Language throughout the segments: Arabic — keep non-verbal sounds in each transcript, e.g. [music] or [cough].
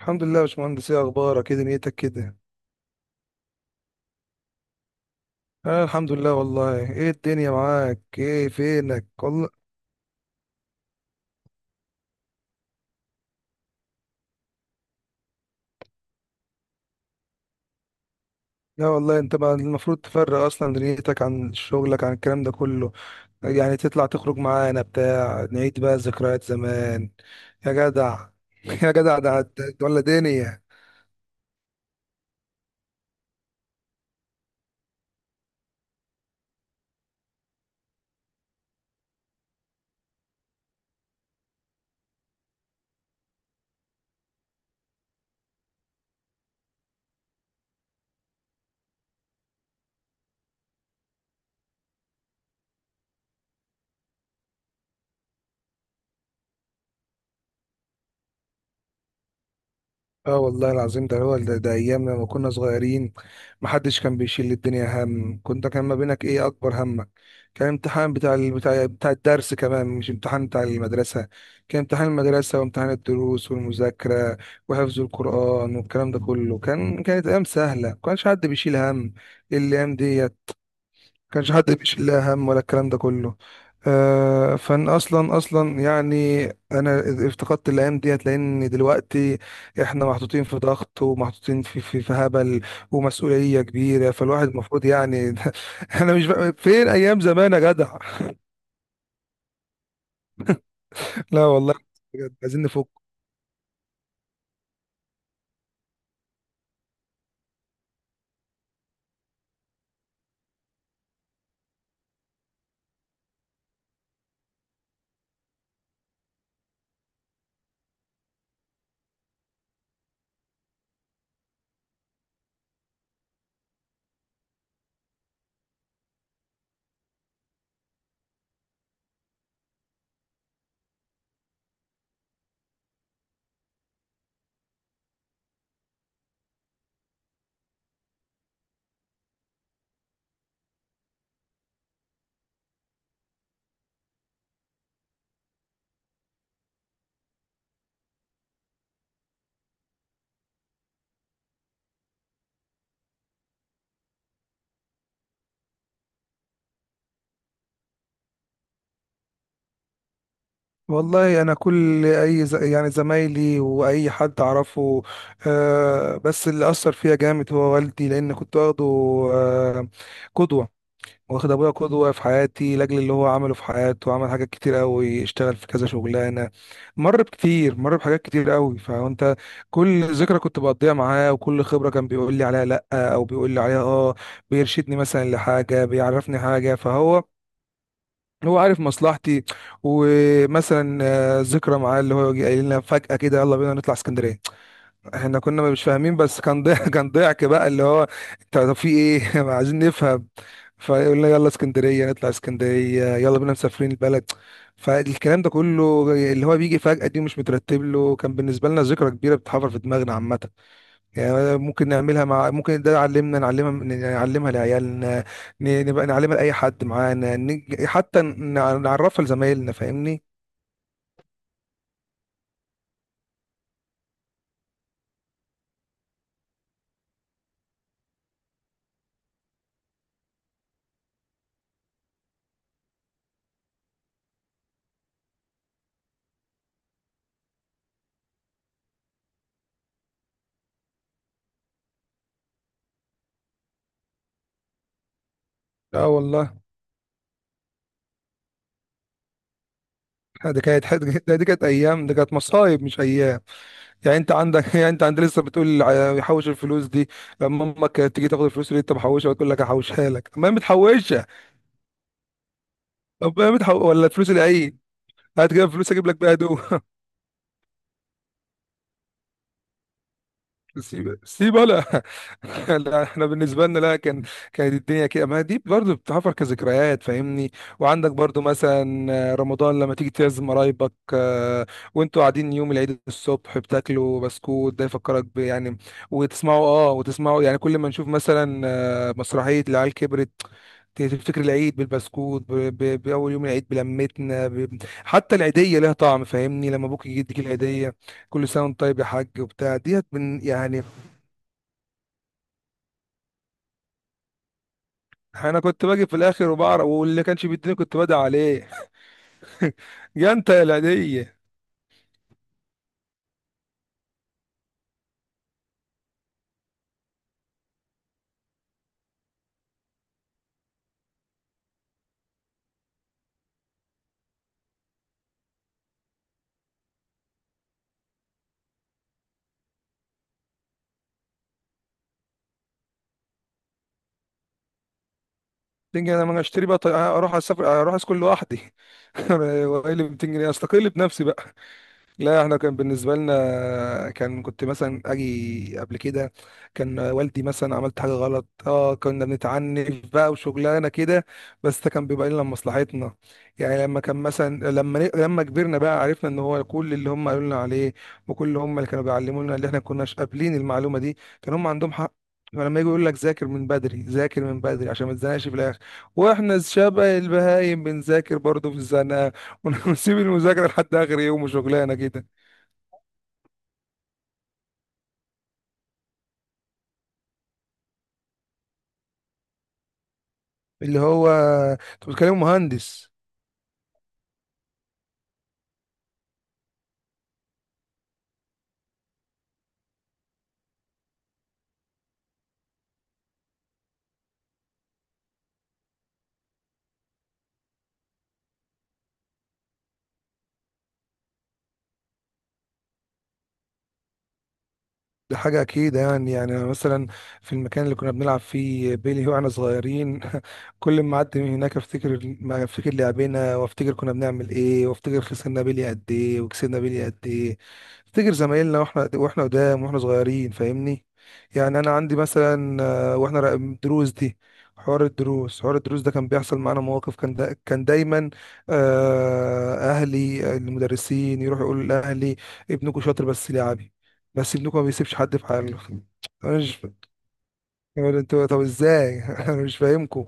الحمد لله يا باشمهندس، ايه اخبارك؟ ايه دنيتك كده؟ انا الحمد لله والله. ايه الدنيا معاك؟ ايه فينك والله؟ لا والله انت بقى المفروض تفرق اصلا دنيتك عن شغلك عن الكلام ده كله. يعني تطلع تخرج معانا بتاع، نعيد بقى ذكريات زمان يا جدع. [laughs] يا جدع ولا دنيا. اه والله العظيم ده هو ده، ده ايام لما كنا صغيرين. محدش كان بيشيل الدنيا هم، كنت كان ما بينك ايه اكبر همك. كان امتحان بتاع ال- بتاع بتاع الدرس، كمان مش امتحان بتاع المدرسة. كان امتحان المدرسة وامتحان الدروس والمذاكرة وحفظ القرآن والكلام ده كله. كانت ايام سهلة، ما كانش حد بيشيل هم الايام دي. كانش حد بيشيل لي هم ولا الكلام ده كله. فانا اصلا يعني، انا افتقدت الايام ديت لان دلوقتي احنا محطوطين في ضغط ومحطوطين في هبل ومسؤوليه كبيره. فالواحد المفروض يعني، [laughs] انا مش بقى، فين ايام زمان يا جدع؟ [laughs] لا والله، بجد عايزين نفك. والله انا كل يعني زمايلي واي حد اعرفه، آه، بس اللي اثر فيا جامد هو والدي، لان كنت واخده آه قدوه. واخد ابويا قدوه في حياتي لاجل اللي هو عمله في حياته. عمل حاجات كتير قوي، اشتغل في كذا شغلانه، مر بحاجات كتير قوي. فانت، كل ذكرى كنت بقضيها معاه وكل خبره كان بيقول لي عليها لا، او بيقول لي عليها اه. بيرشدني مثلا لحاجه، بيعرفني حاجه، فهو هو عارف مصلحتي. ومثلا ذكرى معاه اللي هو يجي قايل لنا فجأة كده، يلا بينا نطلع اسكندرية. احنا كنا مش فاهمين، بس كان ضحك. [laughs] كان ضحك بقى اللي هو، انت طب في ايه؟ [laughs] عايزين نفهم. فيقول لنا يلا اسكندريه، نطلع اسكندريه، يلا بينا مسافرين البلد. فالكلام ده كله اللي هو بيجي فجأة دي مش مترتب له، كان بالنسبه لنا ذكرى كبيره بتتحفر في دماغنا عامه. يعني ممكن نعملها مع، ممكن ده علمنا نعلمها، نعلمها لعيالنا، نبقى نعلمها لاي حد معانا، نعرفها لزمايلنا فاهمني. اه والله، دي كانت، دي كانت ايام، دي كانت مصايب مش ايام. يعني انت عندك [laughs] يعني انت عند لسه بتقول يحوش الفلوس دي؟ لما امك تيجي تاخد الفلوس اللي انت محوشها وتقول لك هحوشها لك، طب ما هي متحوشه. طب ما ولا الفلوس العيد، هات كده فلوس اجيب لك بيها هدوم. سيب ولا [laughs] لا احنا بالنسبه لنا لا، كان [laughs] كانت الدنيا كده، ما دي برضو بتحفر كذكريات فاهمني. وعندك برضو مثلا رمضان لما تيجي تعزم قرايبك، وانتوا قاعدين يوم العيد الصبح بتاكلوا بسكوت، ده يفكرك ب يعني، وتسمعوا اه، وتسمعوا يعني كل ما نشوف مثلا مسرحيه العيال كبرت. تفتكر العيد بالبسكوت بأول يوم العيد بلمتنا ب... حتى العيدية لها طعم فاهمني، لما أبوك يديك العيدية، كل سنه وانت طيب يا حاج وبتاع ديت من يعني. انا كنت باجي في الاخر وبعرف، واللي كانش بيديني كنت بدعي عليه. [laughs] يا انت يا العيديه. تيجي انا ما أنا اشتري بقى اروح اسافر، اروح اسكن لوحدي، [laughs] وايه اللي 200 جنيه استقل بنفسي بقى. لا احنا كان بالنسبه لنا كان، كنت مثلا اجي قبل كده، كان والدي مثلا عملت حاجه غلط اه، كنا بنتعنف بقى وشغلانه كده، بس ده كان بيبقى لنا مصلحتنا. يعني لما كان مثلا، لما كبرنا بقى عرفنا ان هو كل اللي هم قالوا لنا عليه، وكل اللي هم اللي كانوا بيعلموا لنا اللي احنا كناش قابلين المعلومه دي، كان هم عندهم حق. فلما يجي يقول لك ذاكر من بدري، ذاكر من بدري عشان ما تزنقش في الاخر، واحنا شبه البهايم بنذاكر برضه في الزنقه. [laughs] ونسيب المذاكرة لحد آخر يوم وشغلانة كده، اللي هو أنت بتكلم مهندس. دي حاجة أكيد يعني، يعني أنا مثلا في المكان اللي كنا بنلعب فيه بيلي وإحنا صغيرين، [laughs] كل ما أعدي من هناك أفتكر، ما أفتكر لعبنا وأفتكر كنا بنعمل إيه، وأفتكر خسرنا بيلي قد إيه وكسبنا بيلي قد إيه. أفتكر زمايلنا وإحنا قدام وإحنا صغيرين فاهمني. يعني أنا عندي مثلا، دروس دي، حوار الدروس ده كان بيحصل معانا مواقف، كان دا كان دايما أهلي المدرسين يروحوا يقولوا لأهلي ابنكم شاطر بس لعبي، بس ابنكم ما بيسيبش حد في حاله. انا مش فاهم، يقول انتوا طب ازاي؟ [laughs] انا مش فاهمكم.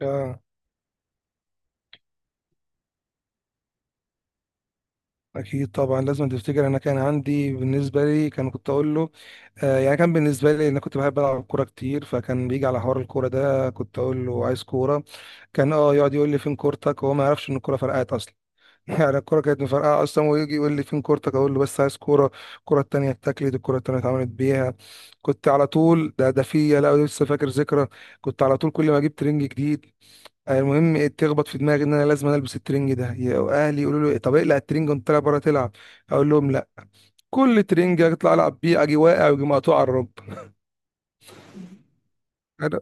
اه اكيد طبعا لازم تفتكر. انا كان عندي بالنسبه لي كان، كنت اقول له يعني، كان بالنسبه لي انا كنت بحب العب كوره كتير، فكان بيجي على حوار الكوره ده كنت اقول له عايز كوره. كان اه يقعد يقول لي فين كورتك؟ وهو ما يعرفش ان الكوره فرقعت اصلا. [laughs] يعني الكوره كانت مفرقعه اصلا، ويجي يقول لي فين كورتك؟ اقول له بس عايز كوره. الكوره التانيه اتاكلت، الكوره التانيه اتعملت بيها. كنت على طول ده فيا، لا لسه فاكر ذكرى. كنت على طول كل ما اجيب ترنج جديد، المهم إيه، تخبط في دماغي ان انا لازم البس الترنج ده. يا اهلي يقولوا لي إيه؟ طب اقلع الترنج وانت طالع بره تلعب. اقول لهم لا. كل ترنج اطلع العب بيه اجي واقع واجي مقطوع على الرب. أنا-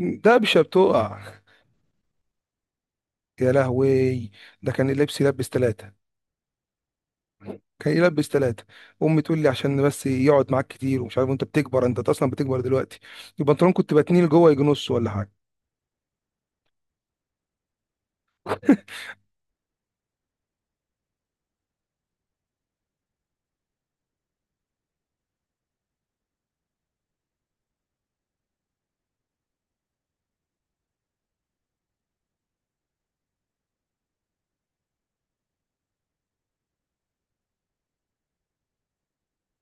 دبشه بتقع. يا لهوي، ده كان اللبس يلبس ثلاثه، كان يلبس ثلاثة. أمي تقول لي عشان بس يقعد معاك كتير ومش عارف، وأنت بتكبر، أنت أصلا بتكبر دلوقتي. البنطلون كنت بتنيه لجوه يجي نص ولا حاجة. [laughs]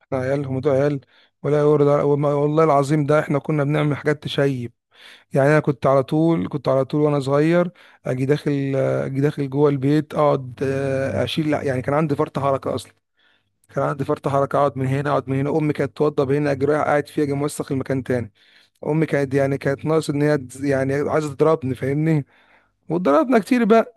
احنا عيال، الموضوع عيال. ولا يورد على- وما- والله العظيم ده احنا كنا بنعمل حاجات تشيب. يعني انا كنت على طول، كنت على طول وانا صغير اجي داخل، اجي داخل جوه البيت اقعد، اشيل لا، يعني كان عندي فرط حركه اصلا. كان عندي فرط حركه، اقعد من هنا امي كانت توضب هنا، اجي رايح قاعد فيها، اجي موسخ المكان تاني. امي كانت يعني كانت ناقص ان هي يعني عايزه تضربني فاهمني. واتضربنا كتير بقى.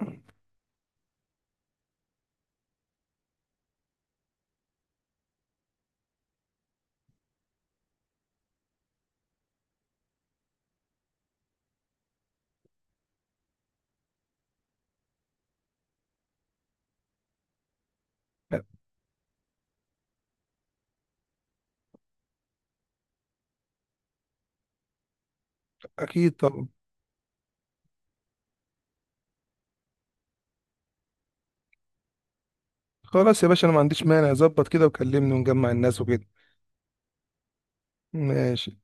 اكيد طبعا. خلاص يا باشا، انا ما عنديش مانع، ظبط كده وكلمني ونجمع الناس وكده. ماشي.